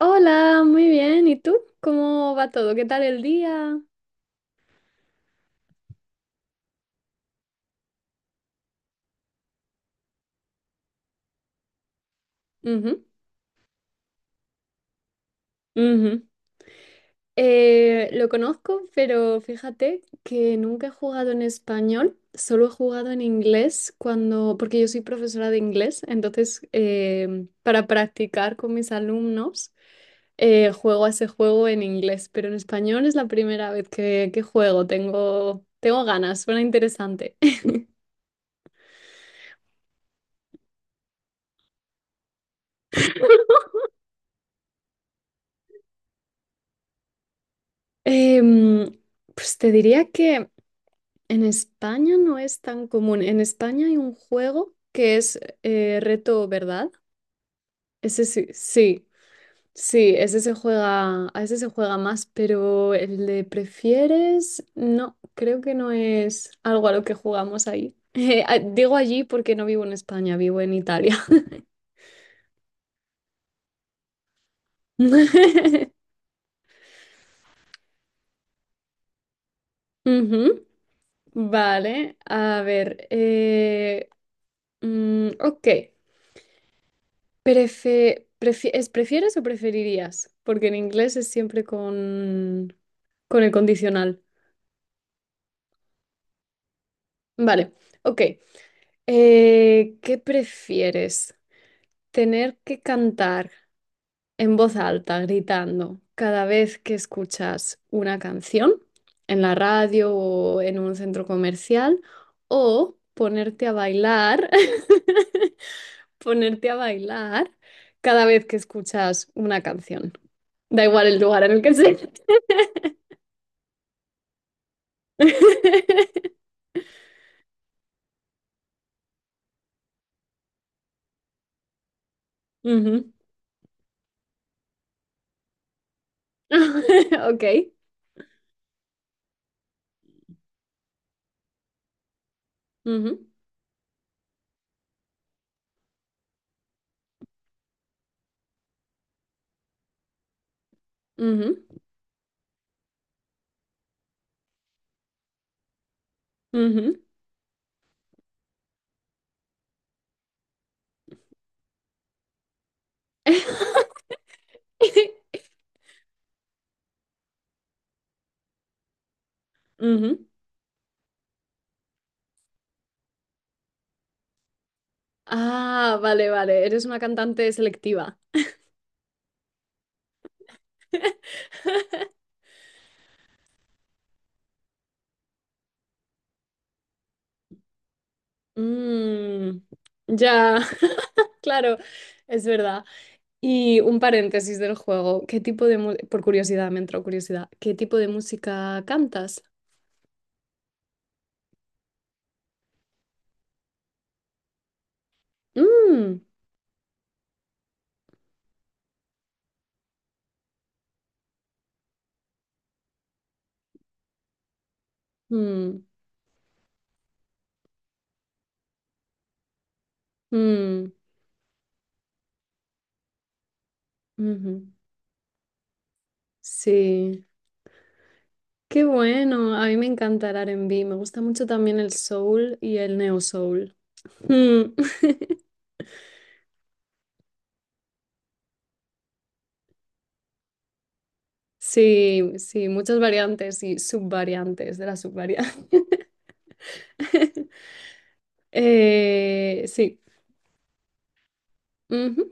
Hola, muy bien. ¿Y tú? ¿Cómo va todo? ¿Qué tal el día? Ujú, ujú. Lo conozco, pero fíjate que nunca he jugado en español, solo he jugado en inglés cuando, porque yo soy profesora de inglés, entonces para practicar con mis alumnos juego a ese juego en inglés, pero en español es la primera vez que juego, tengo ganas, suena interesante. Em, pues te diría que... En España no es tan común. En España hay un juego que es Reto Verdad. Ese sí, sí, sí, ese se juega, a ese se juega más, pero el de prefieres, no, creo que no es algo a lo que jugamos ahí. Digo allí porque no vivo en España, vivo en Italia. Ujú. Vale, a ver. Ok. ¿Es prefieres o preferirías? Porque en inglés es siempre con el condicional. Vale, ok. ¿Qué prefieres? ¿Tener que cantar en voz alta, gritando, cada vez que escuchas una canción en la radio o en un centro comercial? ¿O ponerte a bailar, ponerte a bailar cada vez que escuchas una canción? Da igual el lugar en el que sea. Ujú. Ok. Ujú, ujú, ujú. Ujú. Ah, vale, vale. Eres una cantante selectiva. Mm, ya, claro, es verdad. Y un paréntesis del juego. ¿Qué tipo de mu- por curiosidad, me entró curiosidad. ¿Qué tipo de música cantas? Mm, mm, mm, ujú. Sí. Qué bueno, a mí me encanta el R&B, me gusta mucho también el soul y el neo soul. Mm, sí, sí, muchas variantes y subvariantes de la subvariante. Sí, ujú,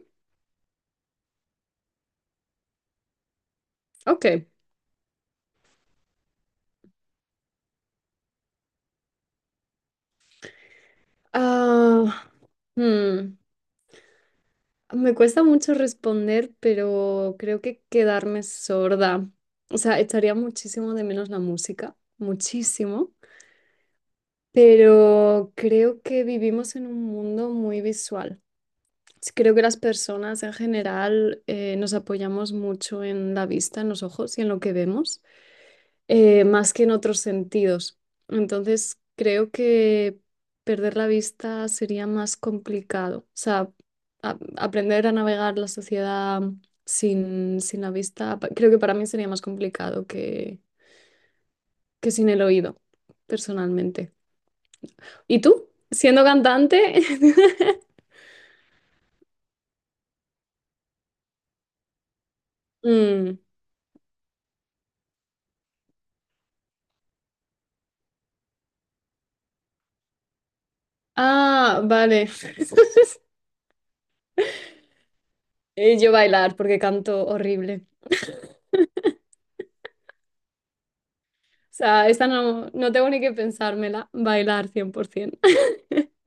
ok. Ah, hmm, me cuesta mucho responder, pero creo que quedarme sorda. O sea, echaría muchísimo de menos la música, muchísimo, pero creo que vivimos en un mundo muy visual. Sí, creo que las personas en general nos apoyamos mucho en la vista, en los ojos y en lo que vemos, más que en otros sentidos. Entonces, creo que perder la vista sería más complicado. O sea, aprender a navegar la sociedad sin la vista, creo que para mí sería más complicado que sin el oído, personalmente. ¿Y tú? Siendo cantante, Mm. Ah, vale. Yo bailar porque canto horrible. O sea, esta no, no tengo ni que pensármela. Bailar 100%.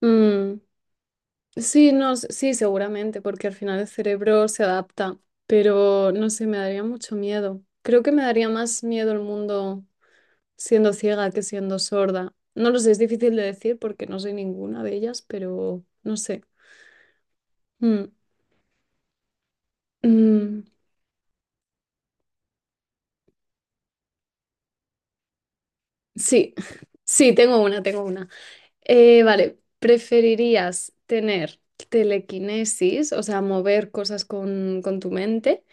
Mm, sí, no, sí, seguramente, porque al final el cerebro se adapta, pero no sé, me daría mucho miedo. Creo que me daría más miedo el mundo siendo ciega que siendo sorda. No lo sé, es difícil de decir porque no soy ninguna de ellas, pero no sé. Mm, mm, sí, sí, tengo una. Vale, ¿preferirías tener telequinesis, o sea, mover cosas con tu mente,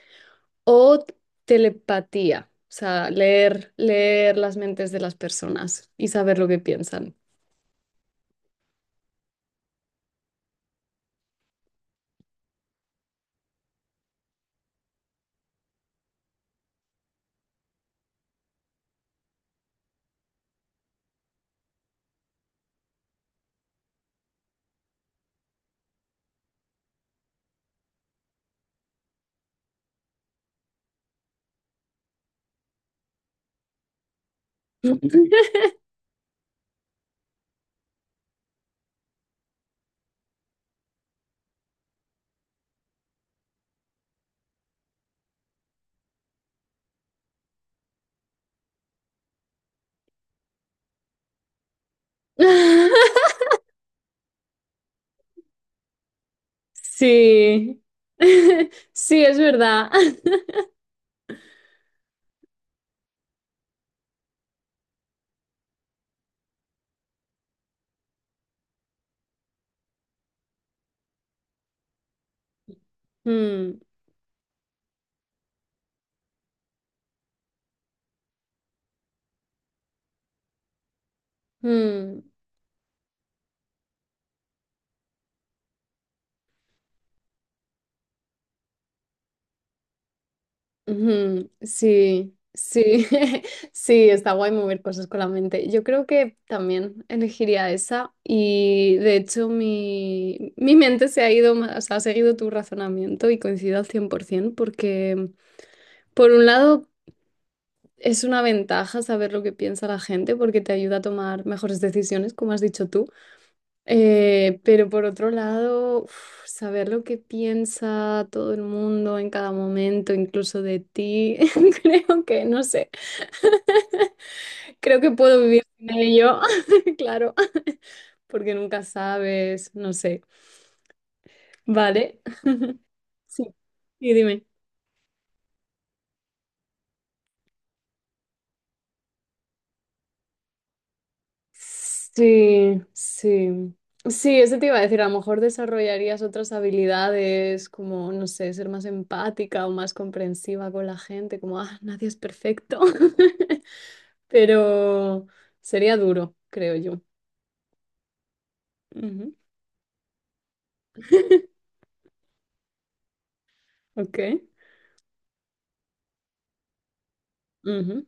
o telepatía, o sea, leer las mentes de las personas y saber lo que piensan? Sí, sí, es verdad. Mm, mm. Ujú, sí, sí, sí, está guay mover cosas con la mente. Yo creo que también elegiría esa y de hecho mi mente se ha ido más, o sea, ha seguido tu razonamiento y coincido al 100% porque por un lado es una ventaja saber lo que piensa la gente porque te ayuda a tomar mejores decisiones, como has dicho tú. Pero por otro lado, uf, saber lo que piensa todo el mundo en cada momento, incluso de ti, creo que, no sé, creo que puedo vivir sin ello, claro, porque nunca sabes, no sé, ¿vale? Sí, sí, dime. Sí, sí. Sí, eso te iba a decir, a lo mejor desarrollarías otras habilidades como, no sé, ser más empática o más comprensiva con la gente, como, ah, nadie es perfecto. Pero sería duro, creo yo. Ujú, ok. Ujú.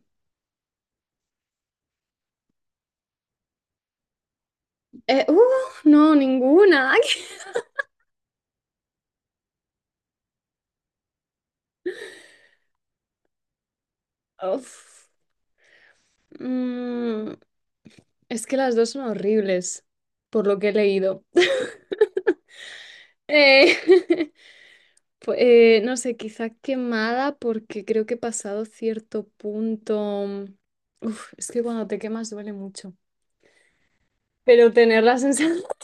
Eh, uh, no, ninguna. Uf. Mm, es que las dos son horribles, por lo que he leído. Eh, no sé, quizá quemada porque creo que he pasado cierto punto. Uf, es que cuando te quemas duele mucho. Pero tener la sensación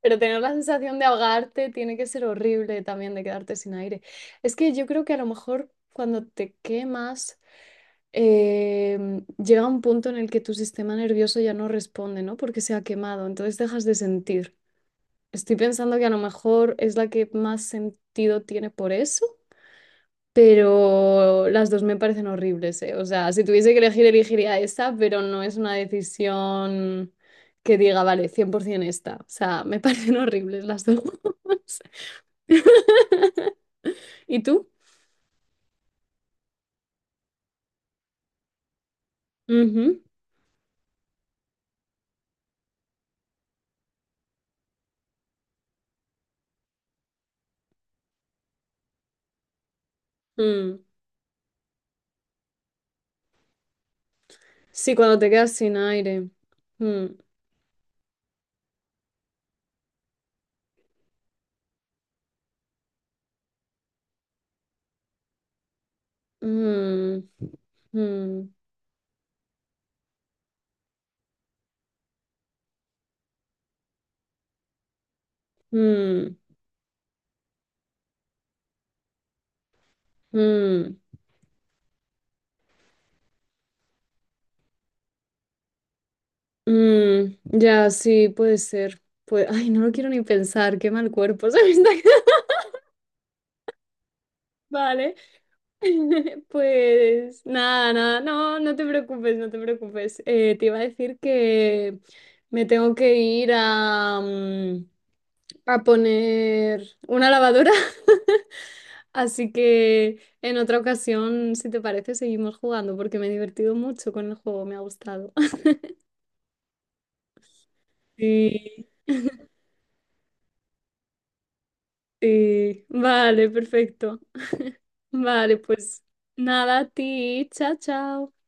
pero tener la sensación de ahogarte tiene que ser horrible también de quedarte sin aire. Es que yo creo que a lo mejor cuando te quemas eh, llega un punto en el que tu sistema nervioso ya no responde, ¿no? Porque se ha quemado, entonces dejas de sentir. Estoy pensando que a lo mejor es la que más sentido tiene por eso, pero las dos me parecen horribles, ¿eh? O sea, si tuviese que elegir, elegiría esta, pero no es una decisión que diga, vale, 100% esta. O sea, me parecen horribles las dos. ¿Y tú? Ujú. Mm. Sí, cuando te quedas sin aire. Mm, mm, mm, mm, mm, mm. Ya, sí, puede ser. Pues, ay, no lo quiero ni pensar, qué mal cuerpo se me está quedando. Vale. Pues nada, nada, no, no te preocupes, no te preocupes. Te iba a decir que me tengo que ir a poner una lavadora, así que en otra ocasión, si te parece, seguimos jugando porque me he divertido mucho con el juego, me ha gustado. Sí, sí, vale, perfecto. Vale, pues nada, a ti, chao, chao.